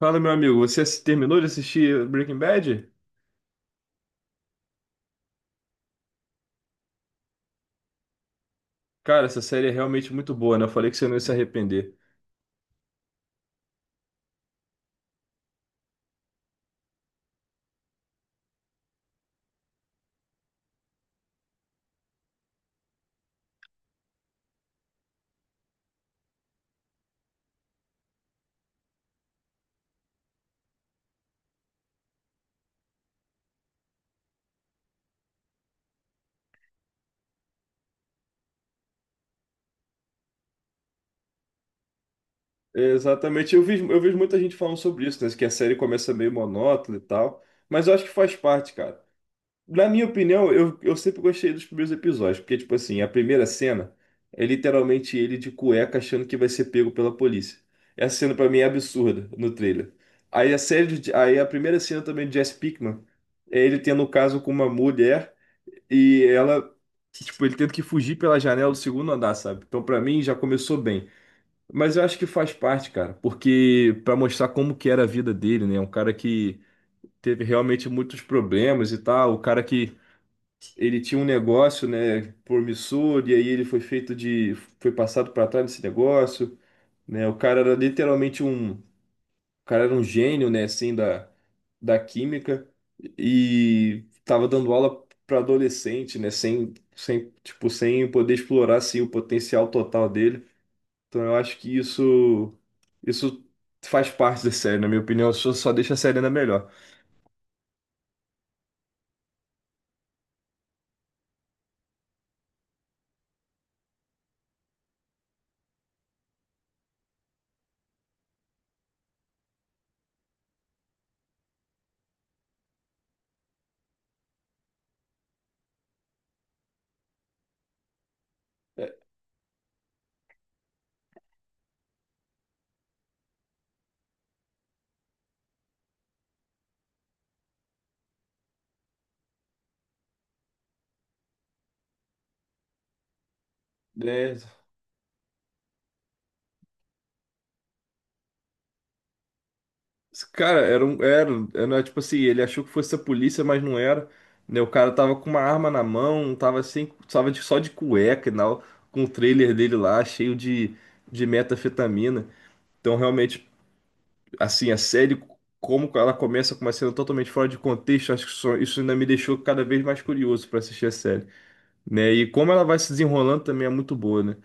Fala, meu amigo, terminou de assistir Breaking Bad? Cara, essa série é realmente muito boa, né? Eu falei que você não ia se arrepender. É, exatamente, eu vi, eu vejo muita gente falando sobre isso, né? Que a série começa meio monótona e tal, mas eu acho que faz parte, cara. Na minha opinião, eu sempre gostei dos primeiros episódios, porque, tipo assim, a primeira cena é literalmente ele de cueca achando que vai ser pego pela polícia. Essa cena pra mim é absurda no trailer. Aí a primeira cena também de Jesse Pinkman é ele tendo um caso com uma mulher. E ela, tipo, ele tendo que fugir pela janela do segundo andar, sabe? Então, pra mim, já começou bem. Mas eu acho que faz parte, cara, porque pra mostrar como que era a vida dele, né? Um cara que teve realmente muitos problemas e tal, o cara que ele tinha um negócio, né, promissor e aí ele foi feito de foi passado pra trás desse negócio, né? O cara era um gênio, né, assim, da, da química e tava dando aula para adolescente, né, sem, tipo, sem poder explorar, assim, o potencial total dele. Então eu acho que isso faz parte da série, na minha opinião, só deixa a série ainda melhor. É, né? Cara, era um. Era, era tipo assim, ele achou que fosse a polícia, mas não era. Né? O cara tava com uma arma na mão, tava assim, só de cueca e tal, com o trailer dele lá, cheio de metafetamina. Então, realmente, assim, a série, como ela começa com uma cena totalmente fora de contexto, isso ainda me deixou cada vez mais curioso pra assistir a série. Né? E como ela vai se desenrolando também é muito boa, né?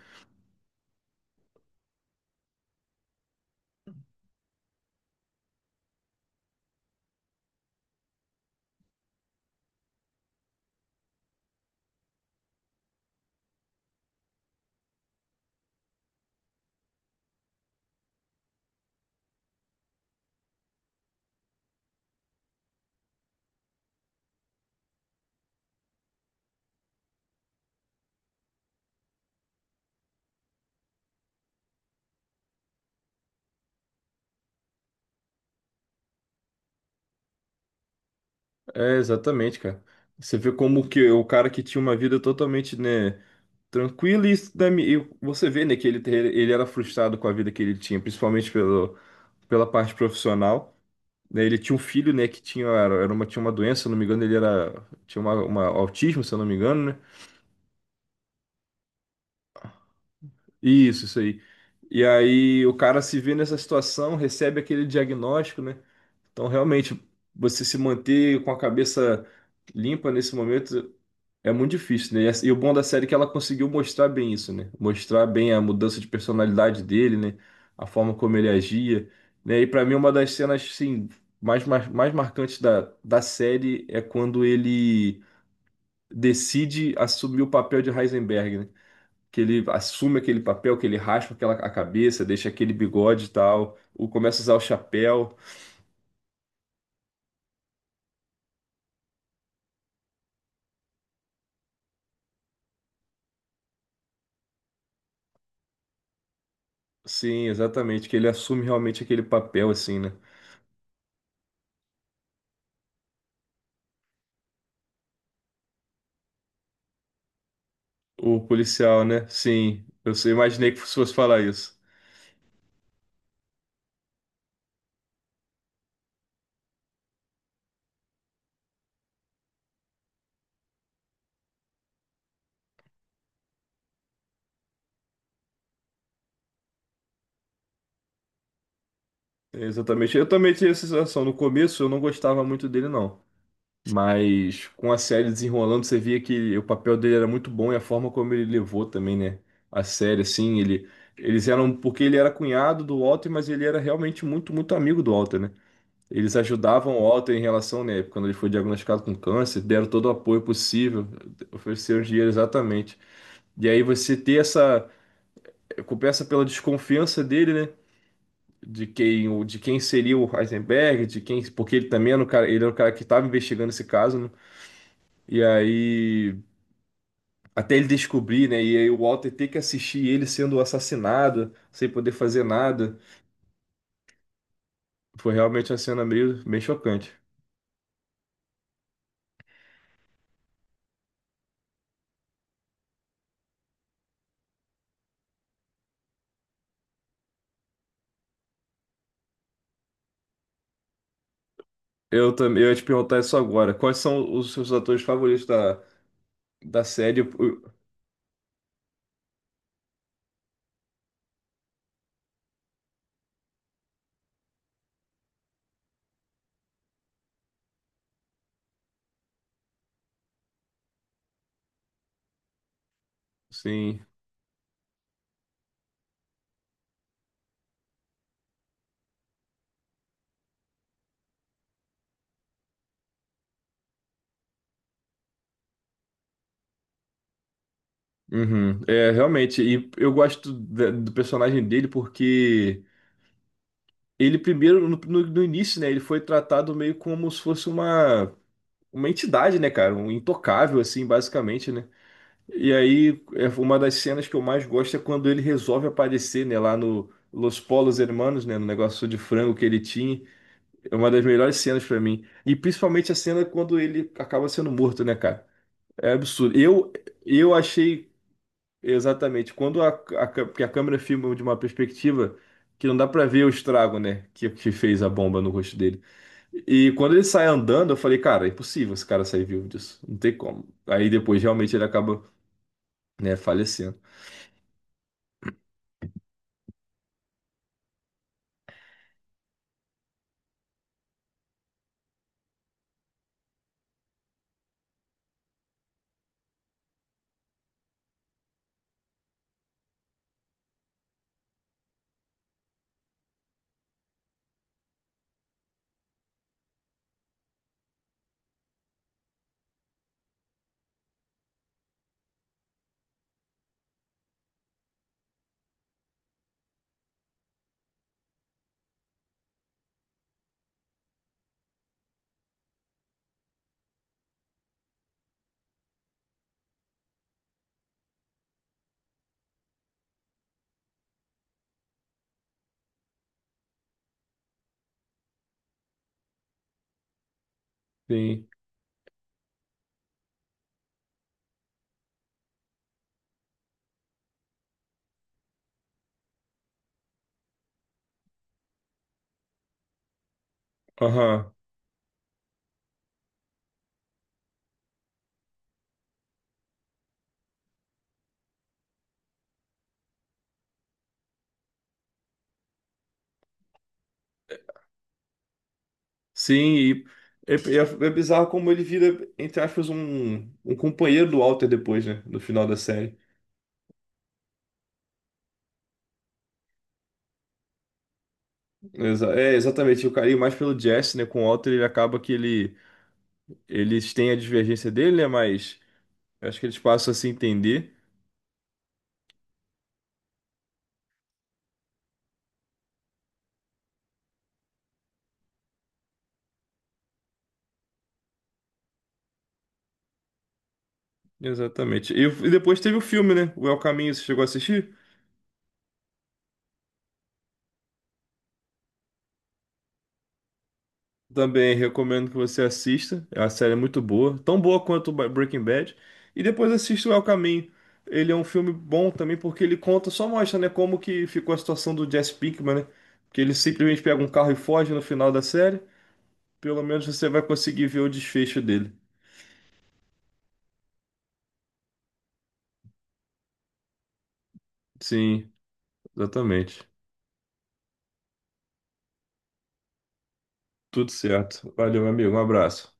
É, exatamente, cara. Você vê como que o cara que tinha uma vida totalmente, né? Tranquilo e e você vê, né, que ele era frustrado com a vida que ele tinha, principalmente pelo, pela parte profissional, né? Ele tinha um filho, né, que tinha, tinha uma doença, se eu não me engano, ele era, tinha uma autismo, se eu não me engano, né, isso aí, e aí o cara se vê nessa situação, recebe aquele diagnóstico, né, então realmente, você se manter com a cabeça limpa nesse momento é muito difícil, né? E e o bom da série é que ela conseguiu mostrar bem isso, né? Mostrar bem a mudança de personalidade dele, né? A forma como ele agia, né? E pra mim uma das cenas, assim, mais marcantes da, da série é quando ele decide assumir o papel de Heisenberg, né? Que ele assume aquele papel, que ele raspa a cabeça, deixa aquele bigode e tal, ou começa a usar o chapéu. Sim, exatamente, que ele assume realmente aquele papel, assim, né? O policial, né? Sim, imaginei que fosse falar isso. É, exatamente. Eu também tinha essa sensação. No começo eu não gostava muito dele, não. Mas com a série desenrolando, você via que o papel dele era muito bom e a forma como ele levou também, né? A série, assim, ele. Eles eram. Porque ele era cunhado do Walter, mas ele era realmente muito, muito amigo do Walter, né? Eles ajudavam o Walter em relação, né? Quando ele foi diagnosticado com câncer, deram todo o apoio possível, ofereceram dinheiro, exatamente. E aí você ter essa. Começa pela desconfiança dele, né? De quem seria o Heisenberg, de quem, porque ele também era o cara, ele era o cara que estava investigando esse caso, né? E aí, até ele descobrir, né? E aí o Walter ter que assistir ele sendo assassinado, sem poder fazer nada, foi realmente uma cena meio, meio chocante. Eu também, eu ia te perguntar isso agora. Quais são os seus atores favoritos da, da série? Sim. Uhum. É, realmente, e eu gosto do personagem dele porque ele primeiro, no início, né, ele foi tratado meio como se fosse uma entidade, né, cara? Um intocável, assim, basicamente, né? E aí, é uma das cenas que eu mais gosto é quando ele resolve aparecer, né, lá no Los Polos Hermanos, né, no negócio de frango que ele tinha. É uma das melhores cenas pra mim. E principalmente a cena quando ele acaba sendo morto, né, cara? É absurdo. Eu achei Exatamente. Quando porque a câmera filma de uma perspectiva que não dá pra ver o estrago, né? Que fez a bomba no rosto dele. E quando ele sai andando, eu falei, cara, é impossível esse cara sair vivo disso. Não tem como. Aí depois realmente ele acaba, né, falecendo. Sim. Aham. Sim, e é, é bizarro como ele vira, entre aspas, um companheiro do Walter depois, né? No final da série. É, exatamente. O carinho mais pelo Jesse, né? Com o Walter, ele acaba que ele. Eles têm a divergência dele, né? Mas. Eu acho que eles passam a se entender. Exatamente. E depois teve o filme, né? O El Caminho, você chegou a assistir? Também recomendo que você assista. É uma série, é muito boa, tão boa quanto Breaking Bad. E depois assista o El Caminho. Ele é um filme bom também porque ele conta, só mostra, né, como que ficou a situação do Jesse Pinkman, né? Que ele simplesmente pega um carro e foge no final da série. Pelo menos você vai conseguir ver o desfecho dele. Sim, exatamente. Tudo certo. Valeu, meu amigo. Um abraço.